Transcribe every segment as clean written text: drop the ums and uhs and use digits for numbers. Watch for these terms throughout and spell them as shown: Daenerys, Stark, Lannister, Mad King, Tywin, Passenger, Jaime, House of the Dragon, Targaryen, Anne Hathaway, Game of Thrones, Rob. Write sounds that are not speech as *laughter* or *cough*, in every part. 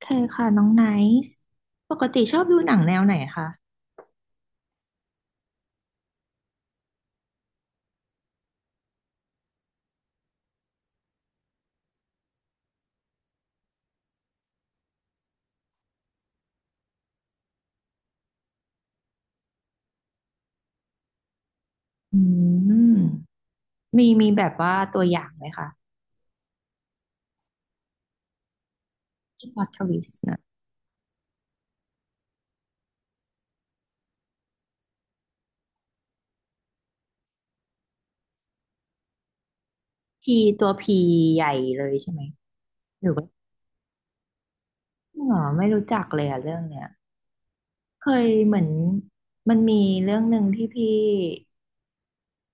เคยค่ะน้องไนซ์ปกติชอบดูหนังแนวไหนคะอืมมีแบบว่าตัวอย่างไหมคะที่พล็อตทวิสต์นะพีตัวพีใหญ่เลยใช่ไหมหรือว่าจริงเหรอไม่รู้จักเลยอะเรื่องเนี้ยเคยเหมือนมันมีเรื่องหนึ่งที่พี่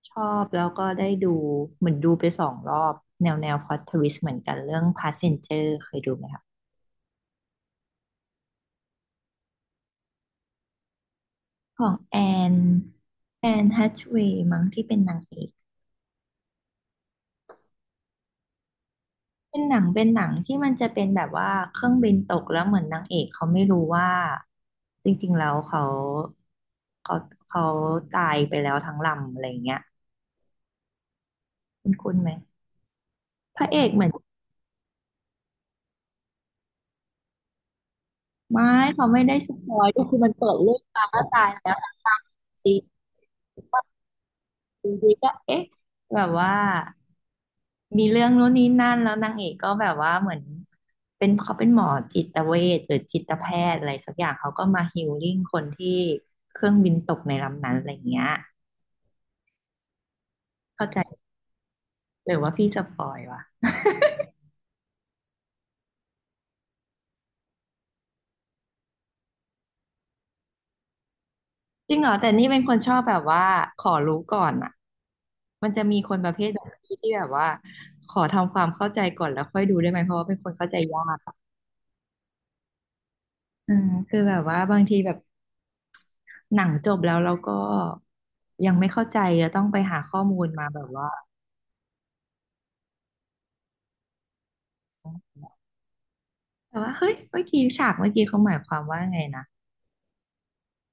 ชอบแล้วก็ได้ดูเหมือนดูไปสองรอบแนวพล็อตทวิสต์เหมือนกันเรื่อง Passenger เคยดูไหมคะของนแอนแฮทเวย์มั้งที่เป็นนางเอก เป็นหนังเป็นหนังที่มันจะเป็นแบบว่าเครื่องบินตกแล้วเหมือนนางเอกเขาไม่รู้ว่าจริงๆแล้วเขาเขาตายไปแล้วทั้งลำอะไรอย่างเงี้ยคุณไหมพระเอกเหมือนไม่เขาไม่ได้สปอยก็คือมันเปิดเรื่องมาก็ตายแล้วทั้งลำจริงว่าดๆก็เอ๊ะแบบว่า มีเรื่องนู้นนี้นั่นแล้วนางเอกก็แบบว่าเหมือนเป็นเขาเป็นหมอจิตเวชหรือจิตแพทย์อะไรสักอย่างเขาก็มาฮีลลิ่งคนที่เครื่องบินตกในลำนั้นอะไรอย่างเงี้ยเข้าใจหรือว่าพี่สปอยวะจริงเหรอแต่นี่เป็นคนชอบแบบว่าขอรู้ก่อนอ่ะมันจะมีคนประเภทแบบพี่ที่แบบว่าขอทำความเข้าใจก่อนแล้วค่อยดูได้ไหมเพราะว่าเป็นคนเข้าใจยากอะอืมคือแบบว่าบางทีแบบหนังจบแล้วเราก็ยังไม่เข้าใจจะต้องไปหาข้อมูลมาแบบว่า แต่ว่าเฮ้ยเมื่อกี้ฉากเมื่อกี้เขาหมายความว่าไงนะ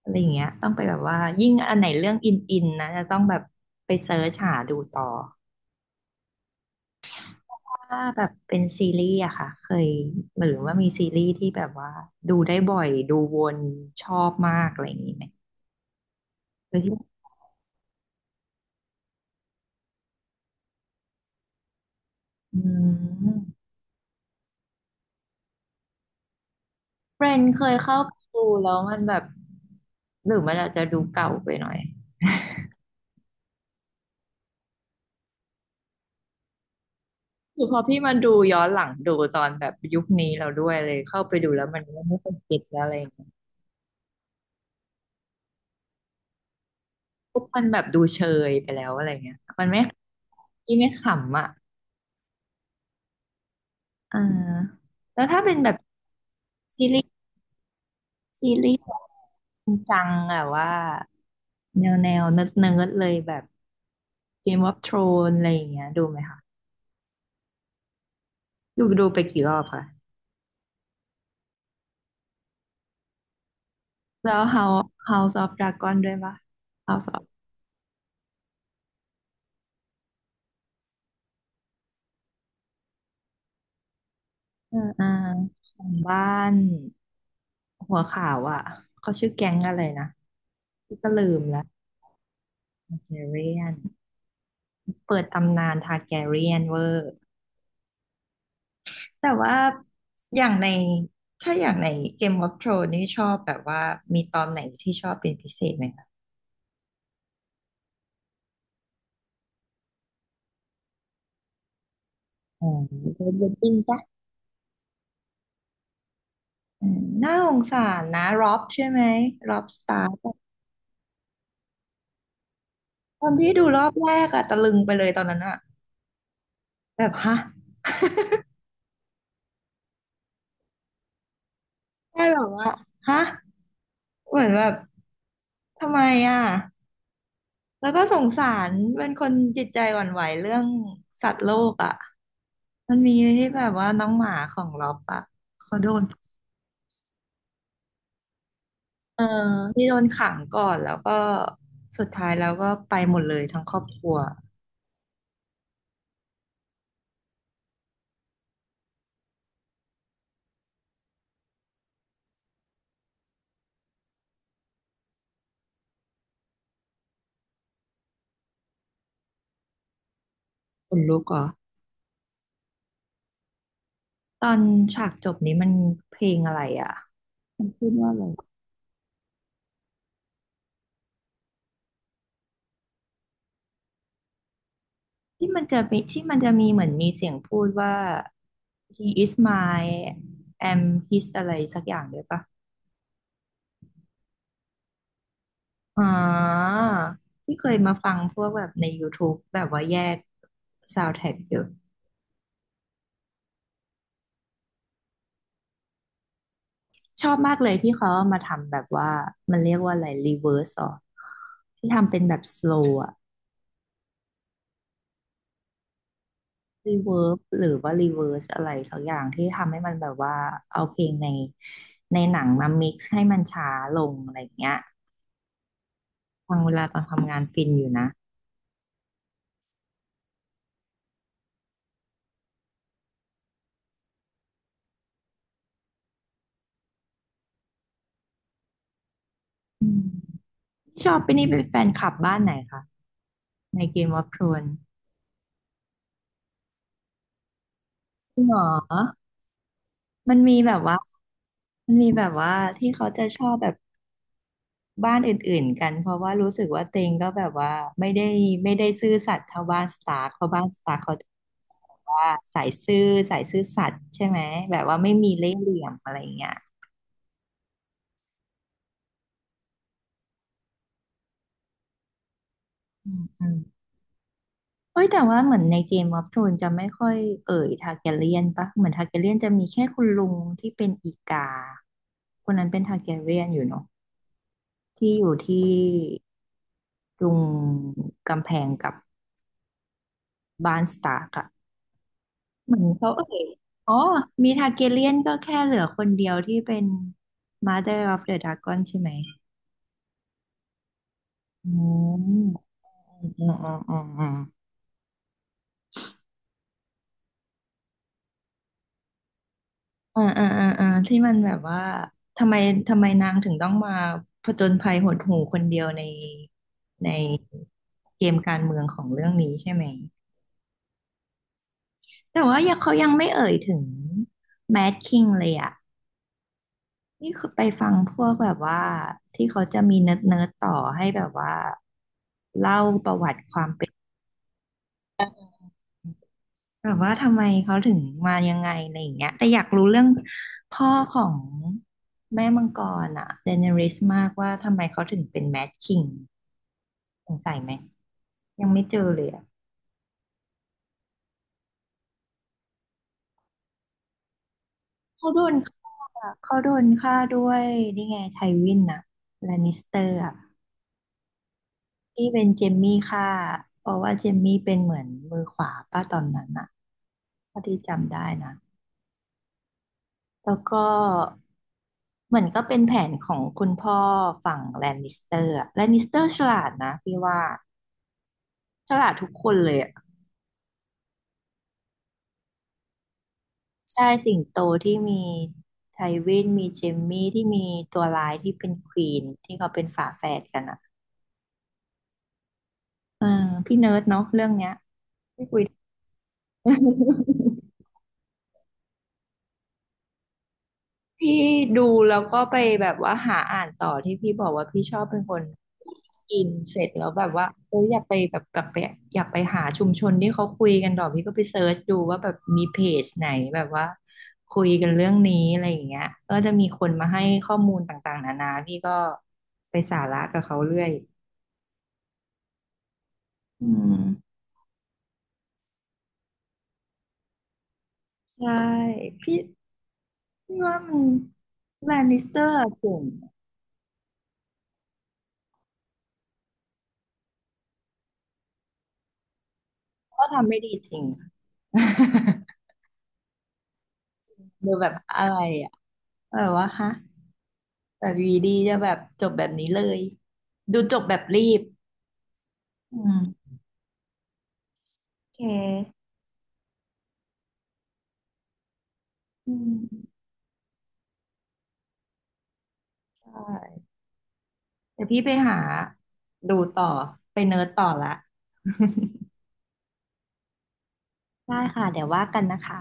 อะไรอย่างเงี้ยต้องไปแบบว่ายิ่งอันไหนเรื่องอินนะจะต้องแบบไปเซิร์ชหาดูต่อถ้าแบบเป็นซีรีส์อะค่ะเคยหรือว่ามีซีรีส์ที่แบบว่าดูได้บ่อยดูวนชอบมากอะไรอย่างนี้ไหมหรือที่อืมเฟรนเคยเข้าไปดูแล้วมันแบบหรือมันอาจจะดูเก่าไปหน่อยคือพอพี่มาดูย้อนหลังดูตอนแบบยุคนี้เราด้วยเลยเข้าไปดูแล้วมันก็ไม่ค่อยเก็ตแล้วอะไรอย่างเงี้ย ปุ๊บมันแบบดูเชยไปแล้วอะไรเงี้ยมันไม่ที่ไม่ขำอ่ะ อ่าแล้วถ้าเป็นแบบซีรีส์ซีรีส์จริงจังอะว่าแนวเนิร์ดเนิร์ดเลยแบบ Game of Thrones อะไรอย่างเงี้ยดูไหมคะดูไปกี่รอบคะแล้ว House of Dragon ด้วยปะ House of เอออ่าของบ้านหัวขาวอ่ะเขาชื่อแก๊งอะไรนะที่ก็ลืมละ Targaryen เปิดตำนานทาร์แกเรียนเวอร์แต่ว่าอย่างในถ้าอย่างในเกมวอ r โ r o นนี่ชอบแบบว่ามีตอนไหนที่ชอบเป็นพิเศษไหมคะอ๋อเดนดิ้งปะอืมน่าสงสารนะร็อบใช่ไหมร็อบสตาร์ตอนที่ดูรอบแรกอะตะลึงไปเลยตอนนั้นอะแบบฮะได้แบบว่าฮะเหมือนแบบทำไมอะ แล้วก็สงสารเป็นคนจิตใจหวั่นไหวเรื่องสัตว์โลกอ่ะมันมีที่แบบว่าน้องหมาของล็อบอ่ะเขาโดนเออที่โดนขังก่อนแล้วก็สุดท้ายแล้วก็ไปหมดเลยทั้งครอบครัวขนลุกเหรอตอนฉากจบนี้มันเพลงอะไรอ่ะมันพูดว่าอะไรที่มันจะมีเหมือนมีเสียงพูดว่า he is my am his อะไรสักอย่างด้วยปะ อ๋อที่เคยมาฟังพวกแบบใน YouTube แบบว่าแยก s o u n d t ท a c k อยู่ชอบมากเลยที่เขาเอามาทำแบบว่ามันเรียกว่าอะไร reverse สหรสออที่ทำเป็นแบบ slow อะ reverb หรือว่า reverse อะไรสักอย่างที่ทำให้มันแบบว่าเอาเพลงในในหนังมา mix ให้มันช้าลงอะไรอย่างเงี้ยฟังเวลาตอนทำงานฟินอยู่นะอืมชอบไปนี่เป็นแฟนคลับบ้านไหนคะใน Game of Thrones จริงเหรอ มันมีแบบว่ามันมีแบบว่าที่เขาจะชอบแบบบ้านอื่นๆกันเพราะว่ารู้สึกว่าเต็งก็แบบว่าไม่ได้ไม่ได้ซื่อสัตย์เท่าบ้านสตาร์กเพราะบ้านสตาร์กเขาจะแบบว่าสายซื่อสายซื่อสัตย์ใช่ไหมแบบว่าไม่มีเล่ห์เหลี่ยมอะไรอย่างเงี้ยอืมอืมเอ้ยแต่ว่าเหมือนในเกมออฟโธรนจะไม่ค่อยเอ่ยทาร์แกเรียนปะเหมือนทาร์แกเรียนจะมีแค่คุณลุงที่เป็นอีกาคนนั้นเป็นทาร์แกเรียนอยู่เนาะที่อยู่ที่ตรงกำแพงกับ บาร์นสตาร์กอะเหมือนเขาเอ่ยอ๋อมีทาร์เกเรียนก็แค่เหลือคนเดียวที่เป็น Mother of the Dragon ใช่ไหมอืมอืมอืมอืมอืมที่มันแบบว่าทำไมนางถึงต้องมาผจญภัยหดหู่คนเดียวในในเกมการเมืองของเรื่องนี้ใช่ไหมแต่ว่ายังเขายังไม่เอ่ยถึงแมดคิงเลยอะ นี่คือไปฟังพวกแบบว่าที่เขาจะมีเนิร์ดต่อให้แบบว่าเล่าประวัติความเป็นแบบว่าทำไมเขาถึงมายังไงอะไรอย่างเงี้ยแต่อยากรู้เรื่องพ่อของแม่มังกรอะเดเนริสมากว่าทำไมเขาถึงเป็นแมดคิงสงสัยไหมยังไม่เจอเลยอะเขาโดนฆ่าเขาโดนฆ่าด้วยนี่ไงไทวินอะแลนนิสเตอร์อะ ที่เป็นเจมมี่ค่ะเพราะว่าเจมมี่เป็นเหมือนมือขวาป้าตอนนั้นน่ะ้าที่จำได้นะแล้วก็เหมือนก็เป็นแผนของคุณพ่อฝั่งแลนนิสเตอร์อะแลนนิสเตอร์ฉลาดนะพี่ว่าฉลาดทุกคนเลยอะใช่สิงโตที่มีไทวินมีเจมมี่ที่มีตัวร้ายที่เป็นควีนที่เขาเป็นฝาแฝดกันอ่ะเออพี่เนิร์ดเนาะเรื่องเนี้ยไม่คุย พี่ดูแล้วก็ไปแบบว่าหาอ่านต่อที่พี่บอกว่าพี่ชอบเป็นคนกินเสร็จแล้วแบบว่าเอออยากไปแบบกลับไปอยากไปหาชุมชนที่เขาคุยกันต่อกพี่ก็ไปเซิร์ชดูว่าแบบมีเพจไหนแบบว่าคุยกันเรื่องนี้อะไรอย่างเงี้ยก็จะมีคนมาให้ข้อมูลต่างๆนานาพี่ก็ไปสาระกับเขาเรื่อยอืมใช่พี่พี่ว่ามันแลนนิสเตอร์เก่งก็ทำไม่ดีจริง *laughs* ดูแบบอะไร แบบว่าฮะแบบวีดีจะแบบจบแบบนี้เลย ดูจบแบบรีบอืมโอเคอืมใช่เดี๋ยวพี่ไปหาดูต่อ ไปเนิร์ดต่อละ *laughs* ได้ค่ะเดี๋ยวว่ากันนะคะ